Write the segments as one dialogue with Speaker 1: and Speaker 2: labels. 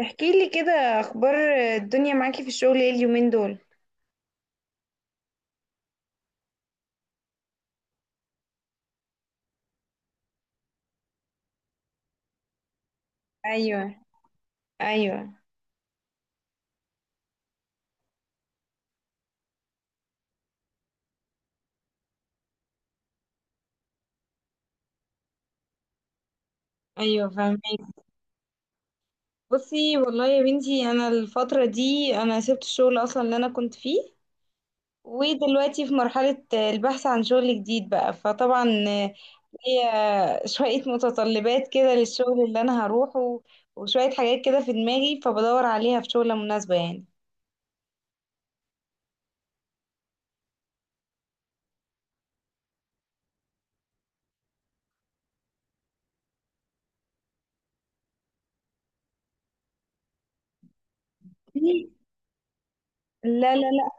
Speaker 1: احكي لي كده، اخبار الدنيا معاكي في الشغل ايه اليومين دول؟ ايوه. ايوه. ايوه، فاهمك. بصي والله يا بنتي، انا الفتره دي انا سبت الشغل اصلا اللي انا كنت فيه، ودلوقتي في مرحله البحث عن شغل جديد بقى. فطبعا هي شويه متطلبات كده للشغل اللي انا هروحه، وشويه حاجات كده في دماغي، فبدور عليها في شغله مناسبه يعني. لا، لا، لا.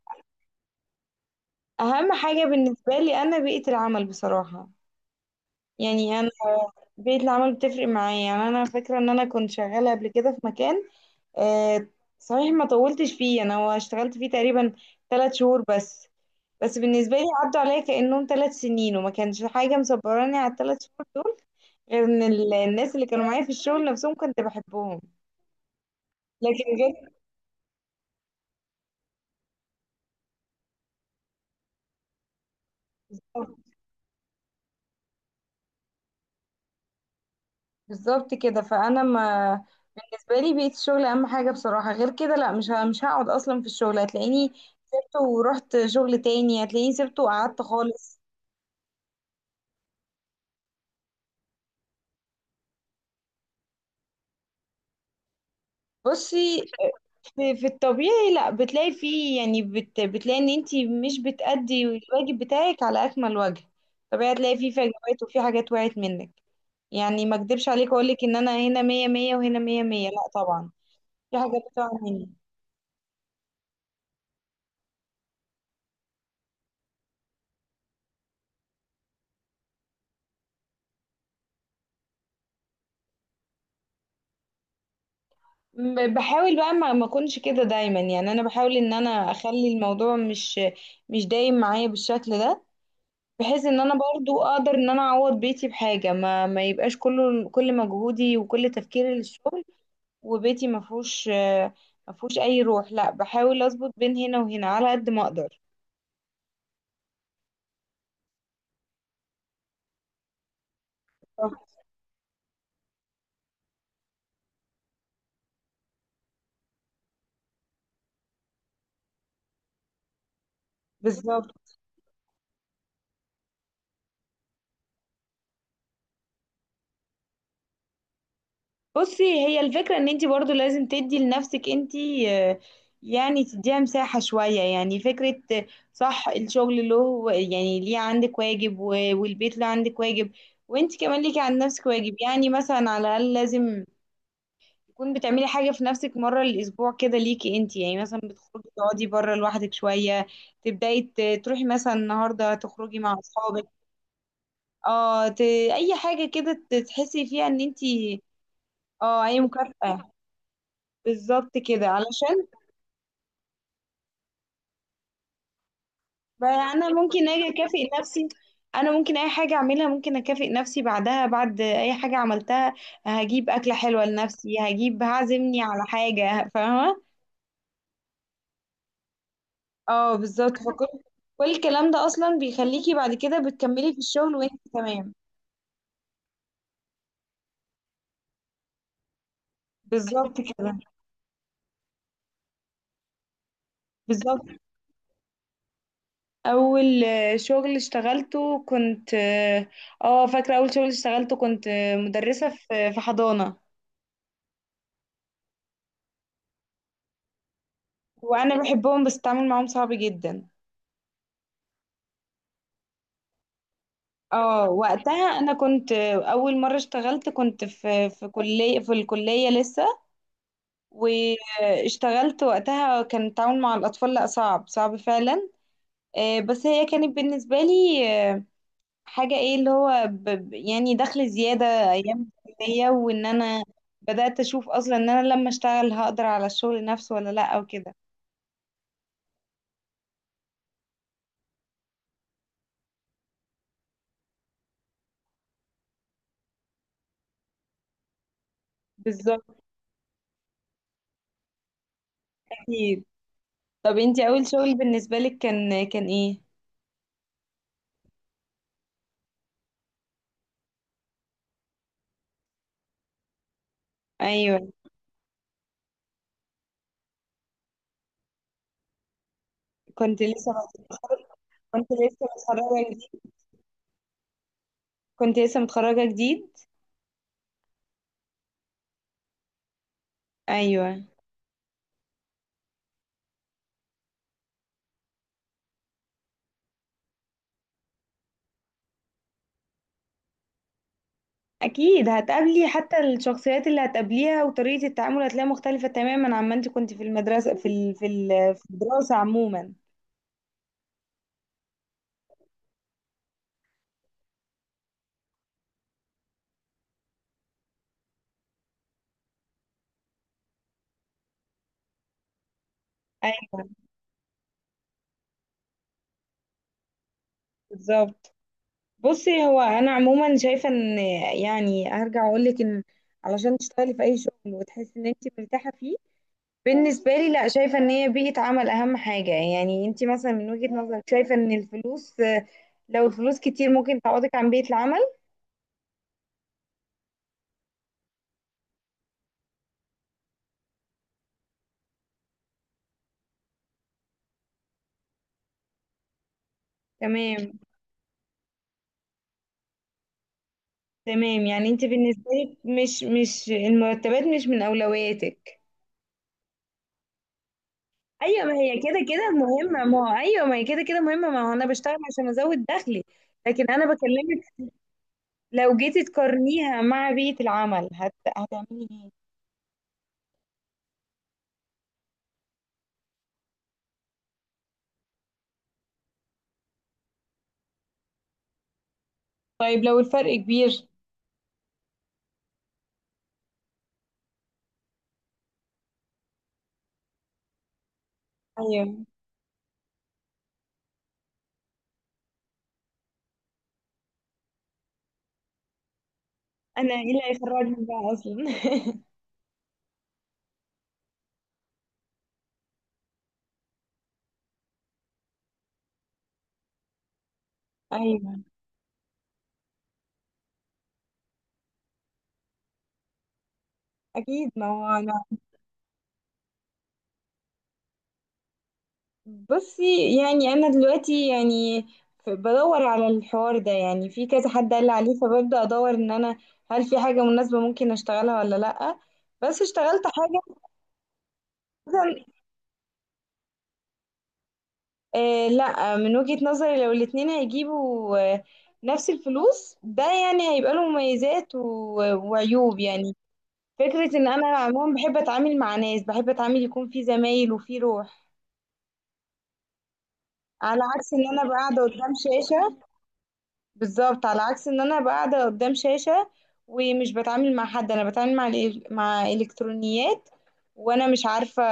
Speaker 1: اهم حاجه بالنسبه لي انا بيئه العمل بصراحه. يعني بيئة العمل بتفرق معايا. يعني أنا فاكرة إن أنا كنت شغالة قبل كده في مكان، آه صحيح ما طولتش فيه، أنا هو اشتغلت فيه تقريبا 3 شهور بس. بس بالنسبة لي عدوا عليا كأنهم 3 سنين، وما كانش حاجة مصبراني على الـ3 شهور دول، غير إن الناس اللي كانوا معايا في الشغل نفسهم كنت بحبهم. لكن غير، بالظبط كده. فأنا ما، بالنسبة لي بيئة الشغل أهم حاجة بصراحة. غير كده لا، مش هقعد أصلا في الشغل. هتلاقيني سبته ورحت شغل تاني، هتلاقيني سبته وقعدت خالص. بصي، في الطبيعي لا بتلاقي فيه. يعني بتلاقي ان انتي مش بتأدي الواجب بتاعك على اكمل وجه. طبيعي هتلاقي فيه فجوات، وفي حاجات وقعت منك. يعني ما اكدبش عليك اقولك ان انا هنا مية مية وهنا مية مية، لا طبعا. في حاجات بتقع مني. بحاول بقى ما اكونش كده دايما. يعني انا بحاول ان انا اخلي الموضوع مش دايم معايا بالشكل ده، بحيث ان انا برضو اقدر ان انا اعوض بيتي بحاجة، ما يبقاش كله كل مجهودي وكل تفكيري للشغل وبيتي ما فيهوش اي روح. لا، بحاول اظبط بين هنا وهنا على قد ما اقدر. صح. بالظبط. بصي، هي الفكرة ان انتي برضو لازم تدي لنفسك انتي، يعني تديها مساحة شوية. يعني فكرة، صح. الشغل له، يعني ليه عندك واجب، والبيت له عندك واجب، وانتي كمان ليكي عند نفسك واجب. يعني مثلا على الأقل لازم تكون بتعملي حاجة في نفسك مرة الأسبوع كده ليكي انتي. يعني مثلا بتخرجي تقعدي بره لوحدك شوية، تبدأي، تروحي مثلا النهاردة تخرجي مع أصحابك. اه ت... أي حاجة كده تحسي فيها ان انتي. اه، أي مكافأة. بالظبط كده، علشان بقى أنا ممكن أجي أكافئ نفسي. أنا ممكن أي حاجة أعملها ممكن أكافئ نفسي بعدها، بعد أي حاجة عملتها هجيب أكلة حلوة لنفسي، هجيب، هعزمني على حاجة فاهمة. اه بالظبط، فكل الكلام ده اصلا بيخليكي بعد كده بتكملي في الشغل وانت تمام. بالظبط كده. بالظبط. اول شغل اشتغلته كنت اه، فاكره اول شغل اشتغلته كنت، مدرسه في حضانه. وانا بحبهم، بس التعامل معاهم صعب جدا. اه، وقتها انا كنت، اول مره اشتغلت كنت في كليه، في الكليه لسه. واشتغلت وقتها كان التعامل مع الاطفال، لا صعب صعب فعلا. بس هي كانت بالنسبة لي حاجة، ايه اللي هو يعني دخل زيادة ايام الكلية. وان انا بدأت اشوف اصلا ان انا لما اشتغل هقدر على الشغل نفسه ولا لا او كده. بالظبط. اكيد. طب انتي اول شغل بالنسبة لك كان ايه؟ ايوه. كنت لسه كنت لسه متخرجة جديد. كنت لسه متخرجة جديد. ايوه اكيد. هتقابلي حتى الشخصيات اللي هتقابليها وطريقة التعامل هتلاقيها مختلفة تماما عما انت كنت في المدرسة، في الدراسة عموما. ايوه. بالظبط. بصي، هو انا عموما شايفه ان، يعني هرجع اقول لك ان علشان تشتغلي في اي شغل وتحسي ان انت مرتاحه فيه، بالنسبه لي، لا شايفه ان هي بيئه عمل اهم حاجه. يعني انت مثلا من وجهه نظرك شايفه ان الفلوس، لو الفلوس كتير ممكن تعوضك عن بيئه العمل؟ تمام. تمام. يعني انت بالنسبه لك مش المرتبات مش من اولوياتك. ايوه. ما هي كده كده مهمه. ما هو ايوه، ما هي كده كده مهمه، ما هو انا بشتغل عشان ازود دخلي. لكن انا بكلمك، لو جيتي تقارنيها مع بيئة العمل، هتعملي ايه؟ طيب لو الفرق كبير. ايوه، انا ايه اللي هيخرجني بقى اصلا؟ ايوه اكيد. ما هو انا، بصي يعني انا دلوقتي يعني، بدور على الحوار ده، يعني في كذا حد قال لي عليه، فببدأ ادور ان انا هل في حاجة مناسبة ممكن اشتغلها ولا لأ. بس اشتغلت حاجة. لا، من وجهة نظري لو الاتنين هيجيبوا نفس الفلوس، ده يعني هيبقى له مميزات وعيوب يعني. فكرة ان انا عموما بحب اتعامل مع ناس، بحب اتعامل يكون في زمايل وفي روح، على عكس ان انا أبقى قاعدة قدام شاشة. بالظبط، على عكس ان انا أبقى قاعدة قدام شاشة ومش بتعامل مع حد. انا بتعامل مع مع الكترونيات. وانا مش عارفة.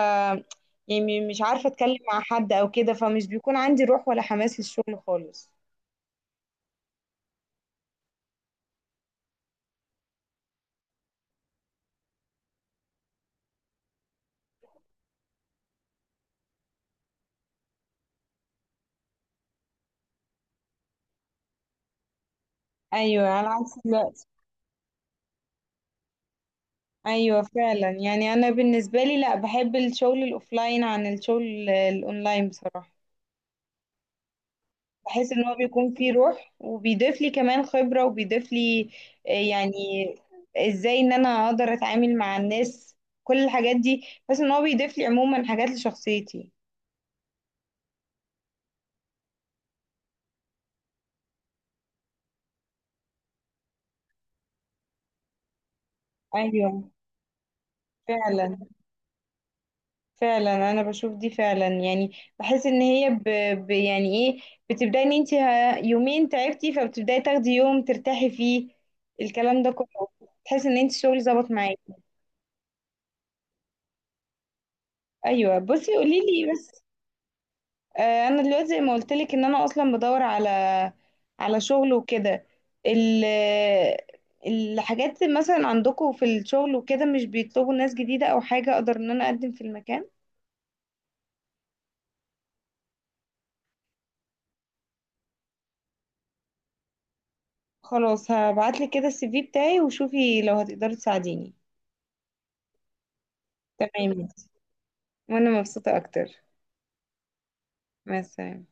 Speaker 1: يعني مش عارفة اتكلم مع حد او كده، فمش بيكون عندي روح ولا حماس للشغل خالص. ايوه، على عكس دلوقتي. ايوه فعلا. يعني انا بالنسبه لي، لا، بحب الشغل الاوفلاين عن الشغل الاونلاين بصراحه. بحس ان هو بيكون فيه روح، وبيضيف لي كمان خبره، وبيضيف لي، يعني ازاي ان انا اقدر اتعامل مع الناس، كل الحاجات دي. بس ان هو بيضيف لي عموما حاجات لشخصيتي. ايوه فعلا. فعلا انا بشوف دي فعلا. يعني بحس ان هي يعني ايه، بتبداي ان انت يومين تعبتي، فبتبداي تاخدي يوم ترتاحي فيه، الكلام ده كله، تحس ان انت الشغل ظبط معاكي. ايوه. بصي قولي لي بس. انا دلوقتي زي ما قلت لك ان انا اصلا بدور على شغل وكده. ال... الحاجات مثلا عندكم في الشغل وكده مش بيطلبوا ناس جديدة او حاجة اقدر ان انا اقدم في المكان؟ خلاص هبعتلك كده الـCV بتاعي، وشوفي لو هتقدري تساعديني. تمام وانا مبسوطة اكتر. مع السلامة.